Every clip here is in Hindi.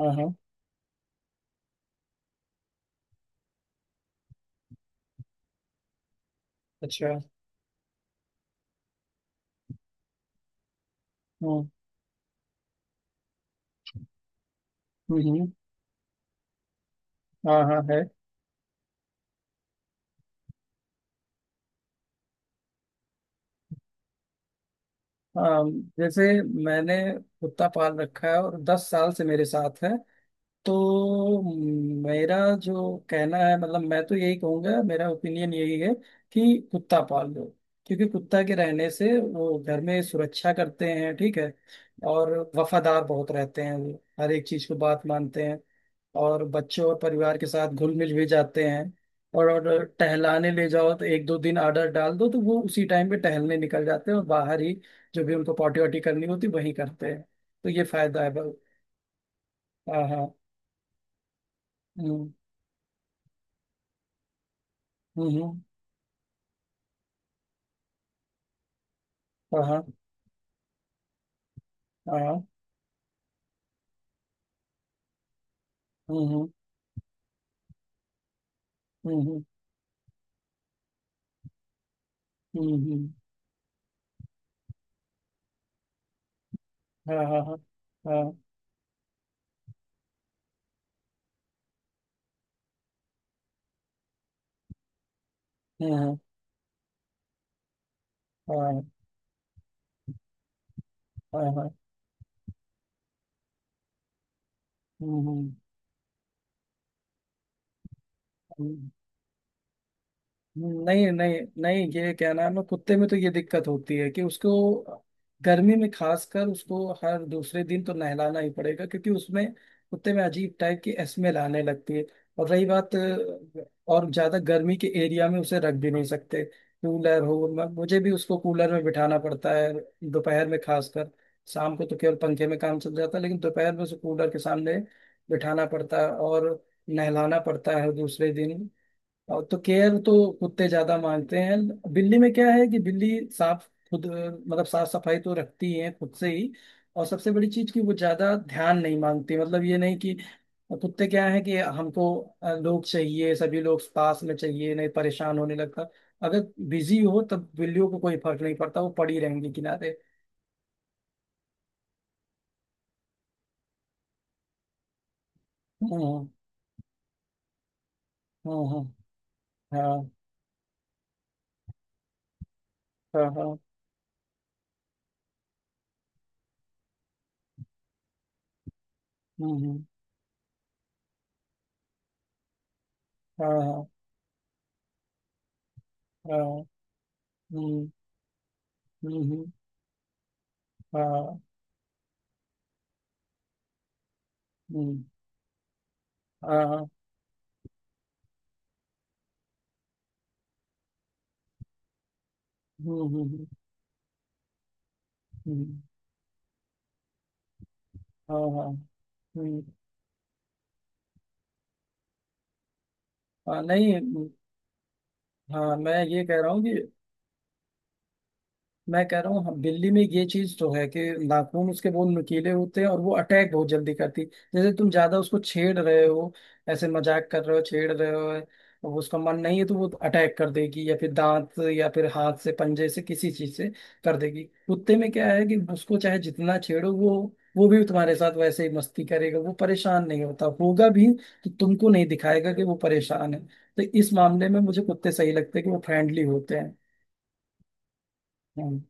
हाँ हाँ। अच्छा। हम्म, हम्म। हाँ हाँ है। अम, जैसे मैंने कुत्ता पाल रखा है और 10 साल से मेरे साथ है। तो मेरा जो कहना है, मतलब मैं तो यही कहूंगा, मेरा ओपिनियन यही है कि कुत्ता पाल लो। क्योंकि कुत्ता के रहने से वो घर में सुरक्षा करते हैं, ठीक है। और वफादार बहुत रहते हैं वो, हर एक चीज को बात मानते हैं। और बच्चों और परिवार के साथ घुल मिल भी जाते हैं। और टहलाने ले जाओ तो एक दो दिन आर्डर डाल दो तो वो उसी टाइम पे टहलने निकल जाते हैं, और बाहर ही जो भी उनको पॉटी वॉटी करनी होती वहीं करते हैं। तो ये फायदा है बहुत। हाँ हाँ। हम्म। हम्म। हाँ हाँ हाँ। हम्म हम्म हम्म। हाँ हाँ हाँ हाँ हाँ हाँ हाँ। हम्म। नहीं नहीं नहीं, ये क्या नाम है, कुत्ते में तो ये दिक्कत होती है कि उसको गर्मी में, खासकर उसको हर दूसरे दिन तो नहलाना ही पड़ेगा क्योंकि उसमें, कुत्ते में अजीब टाइप की स्मेल आने लगती है। और रही बात, और ज्यादा गर्मी के एरिया में उसे रख भी नहीं सकते। कूलर हो, मुझे भी उसको कूलर में बिठाना पड़ता है, दोपहर में खासकर। शाम को तो केवल पंखे में काम चल जाता है, लेकिन दोपहर में उसे कूलर के सामने बिठाना पड़ता है, और नहलाना पड़ता है दूसरे दिन। और तो केयर तो कुत्ते ज्यादा मानते हैं। बिल्ली में क्या है कि बिल्ली साफ, खुद मतलब साफ सफाई तो रखती है खुद से ही। और सबसे बड़ी चीज कि वो ज्यादा ध्यान नहीं मांगती, मतलब ये नहीं कि कुत्ते क्या है कि हमको लोग चाहिए, सभी लोग पास में चाहिए, नहीं परेशान होने लगता। अगर बिजी हो तब बिल्लियों को कोई फर्क नहीं पड़ता, वो पड़ी रहेंगी किनारे। हम्म हम्म। हाँ हाँ हाँ। हम्म। हाँ हाँ हाँ। हम्म हम्म। हाँ। हम्म। हाँ। हम्म हम्म, हम्म। हम्म, हाँ हाँ। हम्म, हाँ नहीं हम्म। हाँ मैं ये कह रहा हूँ कि, मैं कह रहा हूँ, हम दिल्ली में ये चीज तो है कि नाखून उसके बहुत नुकीले होते हैं और वो अटैक बहुत जल्दी करती, जैसे तुम ज्यादा उसको छेड़ रहे हो, ऐसे मजाक कर रहे हो, छेड़ रहे हो। अब उसका मन नहीं है तो वो अटैक कर देगी, या फिर दांत, या फिर हाथ से, पंजे से, किसी चीज से कर देगी। कुत्ते में क्या है कि उसको चाहे जितना छेड़ो, वो भी तुम्हारे साथ वैसे ही मस्ती करेगा, वो परेशान नहीं होता, होगा भी तो तुमको नहीं दिखाएगा कि वो परेशान है। तो इस मामले में मुझे कुत्ते सही लगते हैं कि वो फ्रेंडली होते हैं।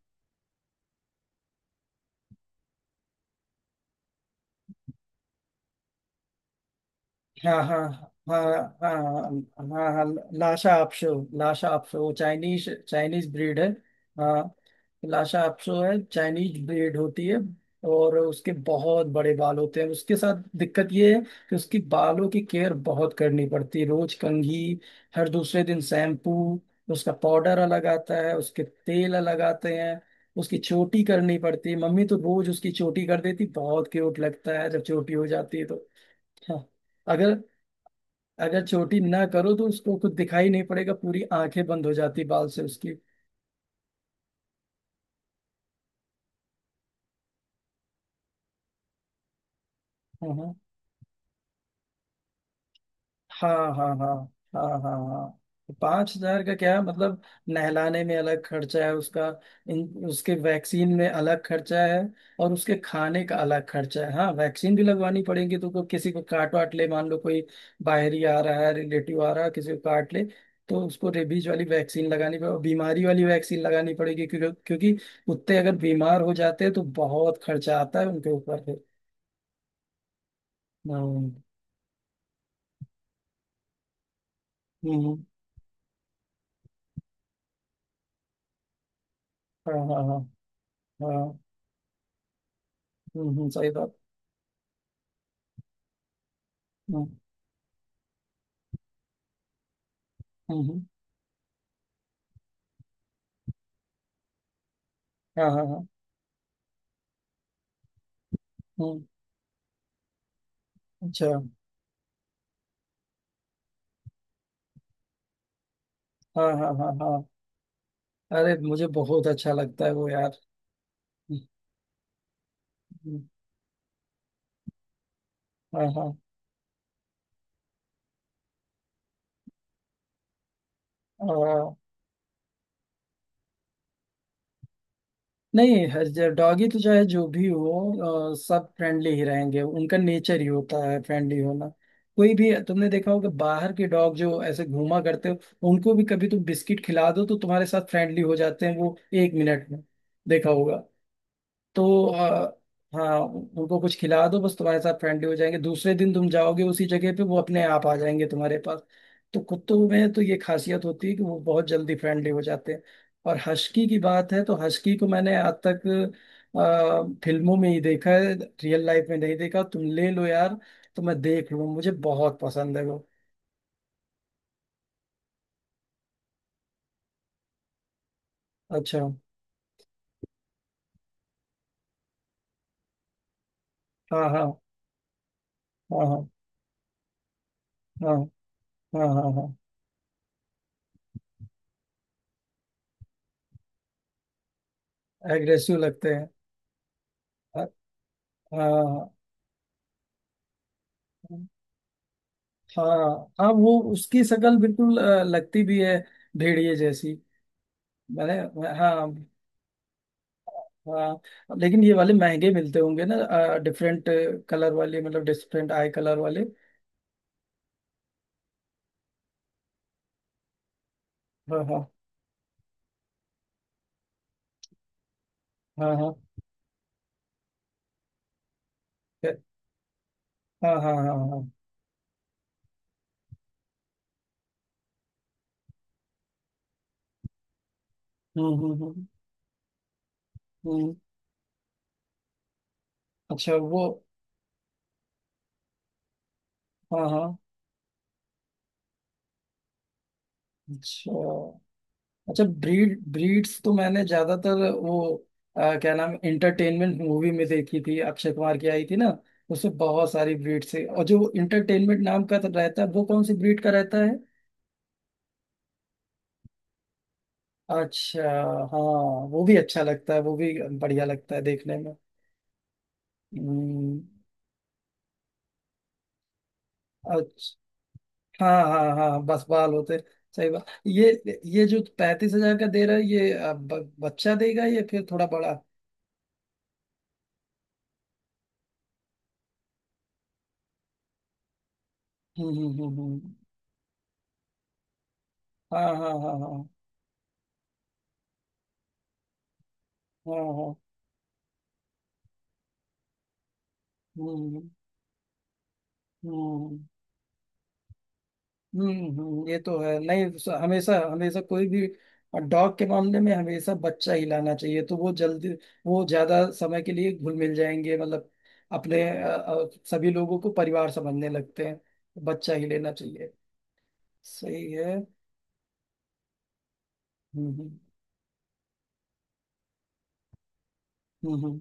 हाँ हाँ हाँ हाँ हाँ हाँ हाँ। लाशा आपशो, लाशा आपशो वो चाइनीज चाइनीज ब्रीड है। हाँ लाशा आपशो है, चाइनीज ब्रीड होती है। और उसके बहुत बड़े बाल होते हैं, उसके साथ दिक्कत ये है कि उसकी बालों की केयर बहुत करनी पड़ती है, रोज कंघी, हर दूसरे दिन शैम्पू, उसका पाउडर अलग आता है, उसके तेल अलग आते हैं। उसकी चोटी करनी पड़ती है, मम्मी तो रोज उसकी चोटी कर देती, बहुत क्यूट लगता है जब चोटी हो जाती है तो। हाँ। अगर अगर छोटी ना करो तो उसको कुछ दिखाई नहीं पड़ेगा, पूरी आंखें बंद हो जाती बाल से उसकी। हाँ हाँ हाँ हाँ हाँ हाँ हाँ। 5 हजार का क्या मतलब। नहलाने में अलग खर्चा है उसका। इन उसके वैक्सीन में अलग खर्चा है, और उसके खाने का अलग खर्चा है। हाँ वैक्सीन भी लगवानी पड़ेगी, तो किसी को काट वाट ले, मान लो कोई बाहरी आ रहा है, रिलेटिव आ रहा है, किसी को काट ले। तो उसको रेबीज वाली वैक्सीन लगानी पड़ेगी, बीमारी वाली वैक्सीन लगानी पड़ेगी, क्योंकि क्योंकि कुत्ते अगर बीमार हो जाते हैं तो बहुत खर्चा आता है उनके ऊपर फिर। हम्म हम्म, हाँ हाँ हाँ हाँ। सही बात। हम्म, हम्म, हाँ हाँ हाँ। हम्म, अच्छा। हाँ हाँ हाँ हाँ। अरे मुझे बहुत अच्छा लगता है वो यार। हम्म, हाँ हाँ हाँ। नहीं, हर डॉगी तो चाहे जो भी हो सब फ्रेंडली ही रहेंगे, उनका नेचर ही होता है फ्रेंडली होना। कोई भी, तुमने देखा होगा बाहर के डॉग जो ऐसे घूमा करते हो, उनको भी कभी तुम बिस्किट खिला दो तो तुम्हारे साथ फ्रेंडली हो जाते हैं वो, 1 मिनट में। देखा होगा। तो हाँ उनको कुछ खिला दो बस, तुम्हारे साथ फ्रेंडली हो जाएंगे, दूसरे दिन तुम जाओगे उसी जगह पे, वो अपने आप आ जाएंगे तुम्हारे पास। तो कुत्तों में तो ये खासियत होती है कि वो बहुत जल्दी फ्रेंडली हो जाते हैं। और हस्की की बात है तो हस्की को मैंने आज तक फिल्मों में ही देखा है, रियल लाइफ में नहीं देखा। तुम ले लो यार, तो मैं देख लूँ, मुझे बहुत पसंद है वो। अच्छा। हाँ हाँ हाँ हाँ हाँ हाँ हाँ। हाँ एग्रेसिव लगते हैं। हाँ हाँ हाँ। हाँ वो उसकी शक्ल बिल्कुल लगती भी है भेड़िए जैसी। मैंने। हाँ। हाँ लेकिन ये वाले महंगे मिलते होंगे ना, डिफरेंट कलर वाले, मतलब डिफरेंट आई कलर वाले। हाँ हाँ हाँ हाँ हाँ हाँ हाँ हाँ हाँ, हाँ। हम्म हम्म हम्म हम्म। अच्छा वो। हाँ हाँ। अच्छा, अच्छा ब्रीड्स तो मैंने ज्यादातर वो क्या नाम, इंटरटेनमेंट मूवी में देखी थी, अक्षय कुमार की आई थी ना, उसमें बहुत सारी ब्रीड्स है, और जो इंटरटेनमेंट नाम का तो रहता है वो कौन सी ब्रीड का रहता है। अच्छा। हाँ वो भी अच्छा लगता है, वो भी बढ़िया लगता है देखने में। हम्म। अच्छा हाँ हाँ हाँ बस बाल होते। सही बात ये। ये जो 35 हजार का दे रहा है ये बच्चा देगा या फिर थोड़ा बड़ा। हम्म हम्म हम्म हम्म। हाँ हाँ हाँ हाँ हाँ हाँ हाँ, हाँ। हम्म हम्म ये तो है नहीं। हमेशा हमेशा कोई भी डॉग के मामले में हमेशा बच्चा ही लाना चाहिए, तो वो जल्दी, वो ज्यादा समय के लिए घुल मिल जाएंगे, मतलब अपने सभी लोगों को परिवार समझने लगते हैं, बच्चा ही लेना चाहिए, सही है। हम्म हम्म हम्म,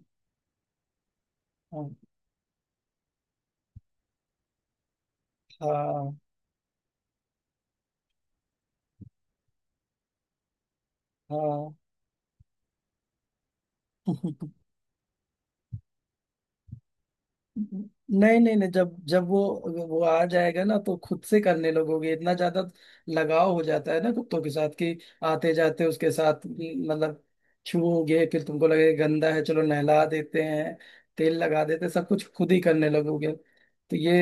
हम्म। हाँ हाँ हाँ नहीं नहीं नहीं, जब जब वो आ जाएगा ना तो खुद से करने लगोगे, इतना ज्यादा लगाव हो जाता है ना कुत्तों के साथ, कि आते जाते उसके साथ, मतलब छूओगे, फिर तुमको लगेगा गंदा है चलो नहला देते हैं, तेल लगा देते हैं, सब कुछ खुद ही करने लगोगे, तो ये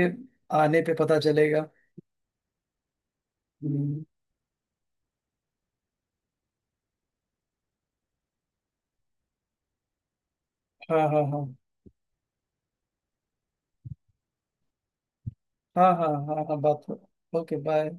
आने पे पता चलेगा। हम्म, हाँ हाँ हाँ हाँ हाँ हाँ हाँ बात। Okay bye.